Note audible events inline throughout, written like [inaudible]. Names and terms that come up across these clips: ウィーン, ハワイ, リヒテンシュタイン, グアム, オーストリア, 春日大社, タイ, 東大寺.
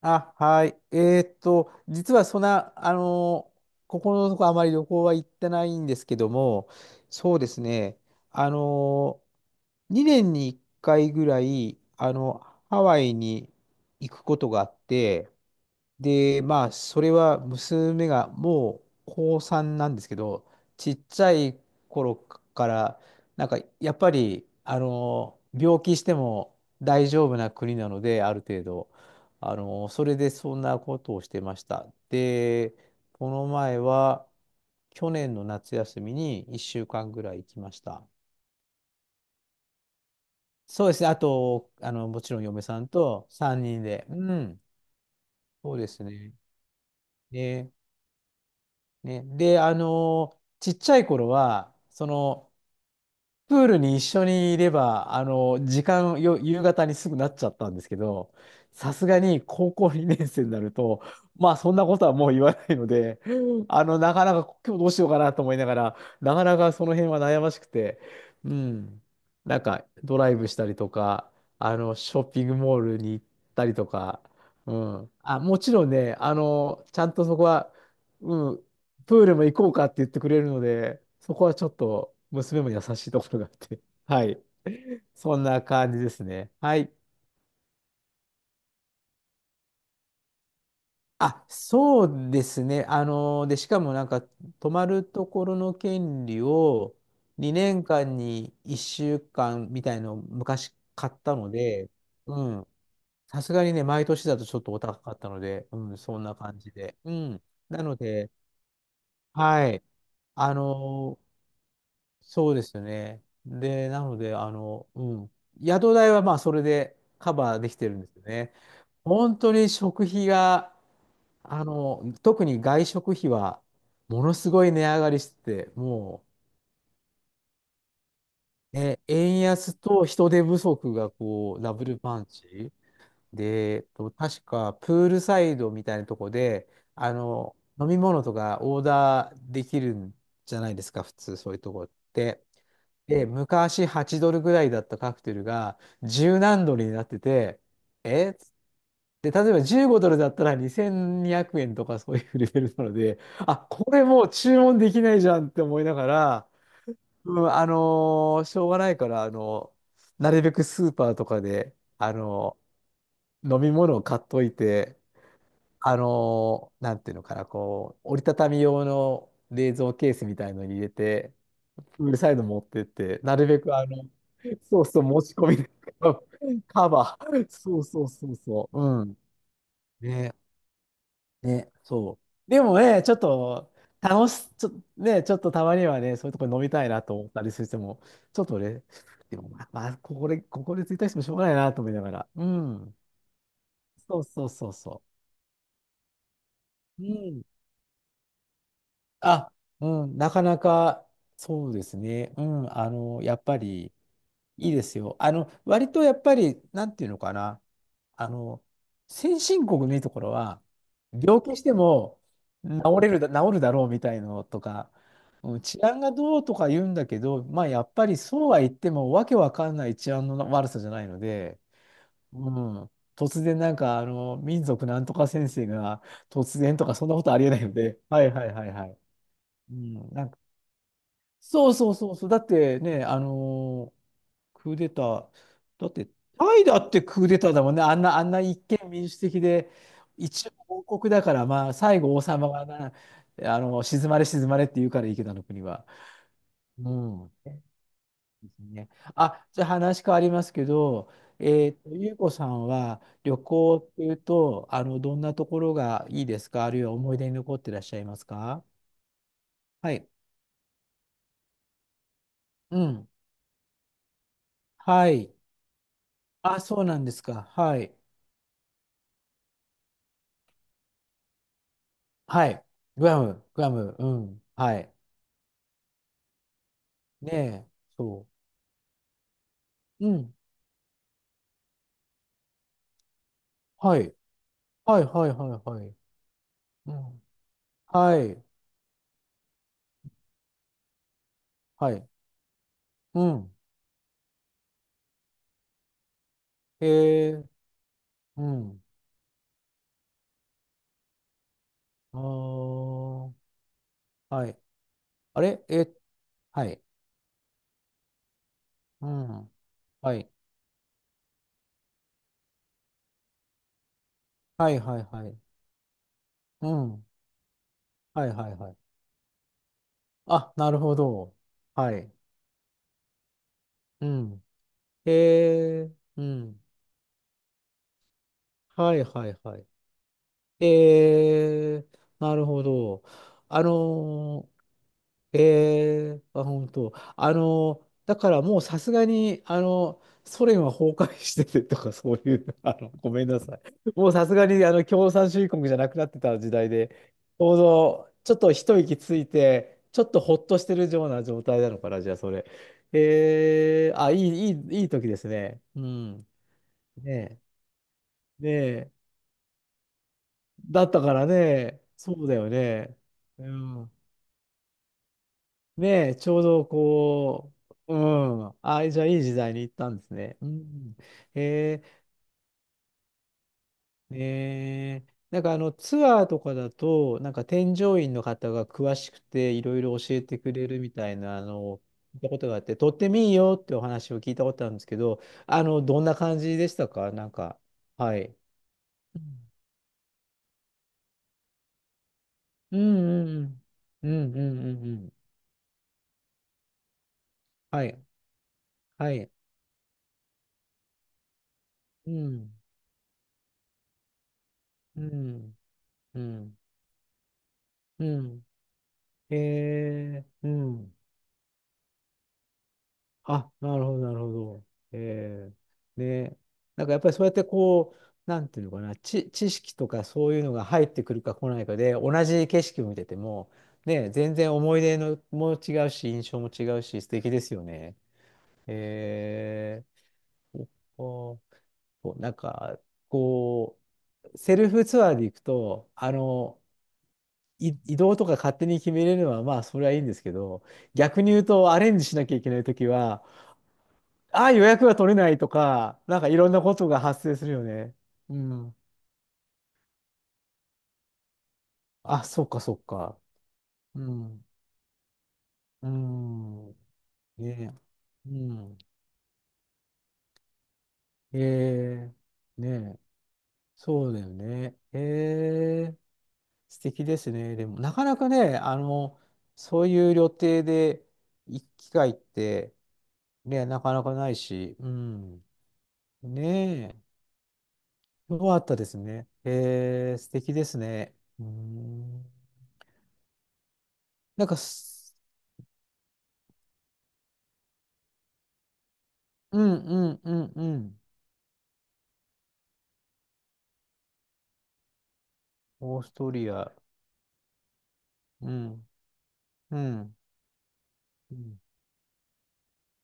あ、はい。実はそんな、ここのとこあまり旅行は行ってないんですけども、そうですね、あの2年に1回ぐらい、ハワイに行くことがあって、で、まあ、それは娘がもう高3なんですけど、ちっちゃい頃から、なんかやっぱり、病気しても大丈夫な国なので、ある程度、それでそんなことをしてました。で、この前は、去年の夏休みに1週間ぐらい行きました。そうですね。あと、もちろん嫁さんと3人で。うん、そうですね。ね。ね、で、ちっちゃい頃は、その、プールに一緒にいれば、時間よ、夕方にすぐなっちゃったんですけど、さすがに高校2年生になると、まあ、そんなことはもう言わないので、なかなか今日どうしようかなと思いながら、なかなかその辺は悩ましくて、うん、なんかドライブしたりとか、ショッピングモールに行ったりとか、うん、あ、もちろんね、ちゃんとそこは、うん、プールも行こうかって言ってくれるので、そこはちょっと娘も優しいところがあって。[laughs] はい。そんな感じですね。はい。あ、そうですね。で、しかもなんか、泊まるところの権利を2年間に1週間みたいのを昔買ったので、うん。さすがにね、毎年だとちょっとお高かったので、うん、そんな感じで。うん。なので、はい。あの、そうですよね。で、なので、うん。宿代はまあそれでカバーできてるんですよね。本当に食費が、特に外食費はものすごい値上がりしてて、もう、ね、円安と人手不足がこう、ダブルパンチ。で、確かプールサイドみたいなとこで、飲み物とかオーダーできるんじゃないですか、普通そういうとこって。で、昔8ドルぐらいだったカクテルが10何ドルになってて、えっつって例えば15ドルだったら2200円とかそういうレベルなので、あ、これもう注文できないじゃんって思いながら、うん、しょうがないから、なるべくスーパーとかで、飲み物を買っといて、なんていうのかな、こう、折りたたみ用の冷蔵ケースみたいのに入れて、プールサイド持ってって、なるべくそうそう、持ち込みで、カバー、そうそうそうそう、うん。ね、ね、そう。でもね、ちょっと、楽し、ちょ、ね、ちょっとたまにはね、そういうところ飲みたいなと思ったりしても、ちょっとね、でもまあ、まあここで、ついたしてもしょうがないなと思いながら、うん。そうそうそうそう。うんあ、うん、なかなかそうですね。うん、やっぱりいいですよ。割とやっぱり、なんていうのかな。あの、先進国のいいところは、病気しても治るだろうみたいのとか、うん、治安がどうとか言うんだけど、まあやっぱりそうは言ってもわけわかんない治安の悪さじゃないので、うん、突然なんかあの民族なんとか先生が突然とかそんなことありえないので、はいはいはいはい。うん、なんかそうそうそうそう。だってね、クーデター、だって、タイだってクーデターだもんね。あんな一見民主的で、一応王国だから、まあ、最後王様がな、静まれ静まれって言うからいいけど、あの国は。うん。ですね。あ、じゃあ話変わりますけど、ゆうこさんは旅行っていうと、どんなところがいいですか？あるいは思い出に残ってらっしゃいますか？はい。うん。はい。あ、そうなんですか。はい。はい。グアム、グアム、うん。はい。ねえ、そう。うん。はい。はい、はい、はい、はい。うん。はい。はい。うん。へえ、うん。あー。はい。あれえ、はい。うん。はい。はい、はい、はい。うん。はい、はい、はい。あ、なるほど。はい。うん。へえ、うん。はい、はい、はい。えー、なるほど。あのあ、本当。だからもうさすがに、ソ連は崩壊しててとか、[laughs] そういう、ごめんなさい。もうさすがに、共産主義国じゃなくなってた時代で、ちょうど、ちょっと一息ついて、ちょっとほっとしてるような状態なのかな、じゃあ、それ。えー、あ、いい時ですね。うん。ねえ。ねだったからね、そうだよね。うん。ねえ、ちょうどこう、うん。あ、じゃあいい時代に行ったんですね。うん。へえ、ねえ。なんかあのツアーとかだと、なんか添乗員の方が詳しくていろいろ教えてくれるみたいなを聞いたことがあって、とってもいいよってお話を聞いたことあるんですけど、どんな感じでしたか？なんか、はい。うんうんうん。うんうんうんうん。はい。はい。うん。うん、うん、うん。ええ、うん。あ、なるほど、なるほど。ええ、ね。なんかやっぱりそうやってこう、なんていうのかな、知識とかそういうのが入ってくるか来ないかで、同じ景色を見てても、ね、全然思い出のも違うし、印象も違うし、素敵ですよね。えーお、お、そうなんか、こう、セルフツアーで行くと、移動とか勝手に決めれるのは、まあ、それはいいんですけど、逆に言うと、アレンジしなきゃいけないときは、ああ、予約が取れないとか、なんかいろんなことが発生するよね。うん。あ、そっか、そっか。うん。うん。ねえ。うん。ええ。ねえ。そうだよね。ええ。素敵ですね。でも、なかなかね、そういう旅程で行く機会って、ね、なかなかないし、うん。ねえ。よかったですね。えー、素敵ですね。うーん。なんかす、うんうんうんうん。オーストリア。うん。うん。うん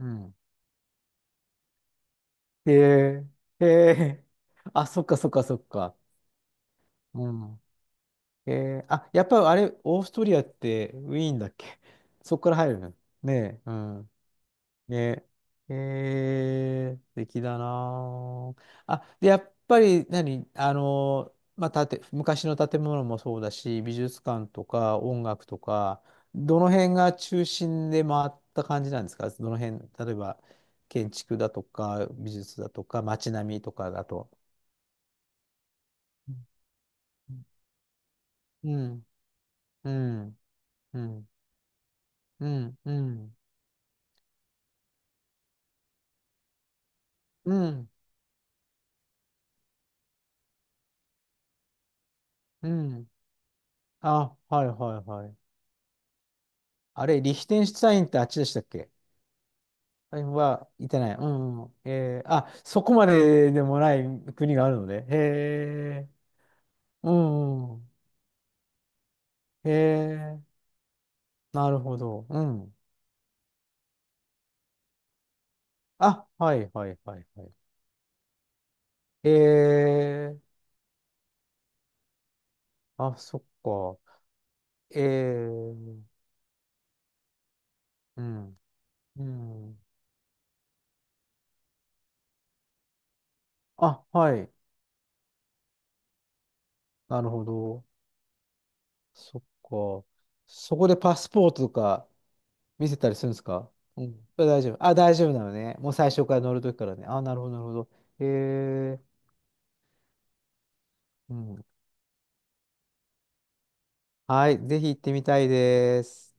うん。えー、へえ [laughs] あ、そっかそっかそっか。うん。へえあ、やっぱあれ、オーストリアってウィーンだっけ？そっから入るの？ねえ。うんね。えー、素敵だなあ。あ、で、やっぱり何、まあ、昔の建物もそうだし、美術館とか音楽とか、どの辺が中心で回った感じなんですか？どの辺、例えば建築だとか、美術だとか、街並みとかだと。うん、うん、うん、うん、うん、うん、うん。あ、はいはいはい。あれ、リヒテンシュタインってあっちでしたっけ？財布はいてない。うん、うん。えー、あ、そこまででもない国があるので。へえ。うん、うん。へえ。なるほど。うん。あ、はいはいはいはい。えー、あ、そっか。えー、うん。うん。あ、はい。なるほど。そっか。そこでパスポートとか見せたりするんですか？うん。それ大丈夫。あ、大丈夫なのね。もう最初から乗るときからね。あ、なるほど、なるほど。へえ。うん。はい、ぜひ行ってみたいです。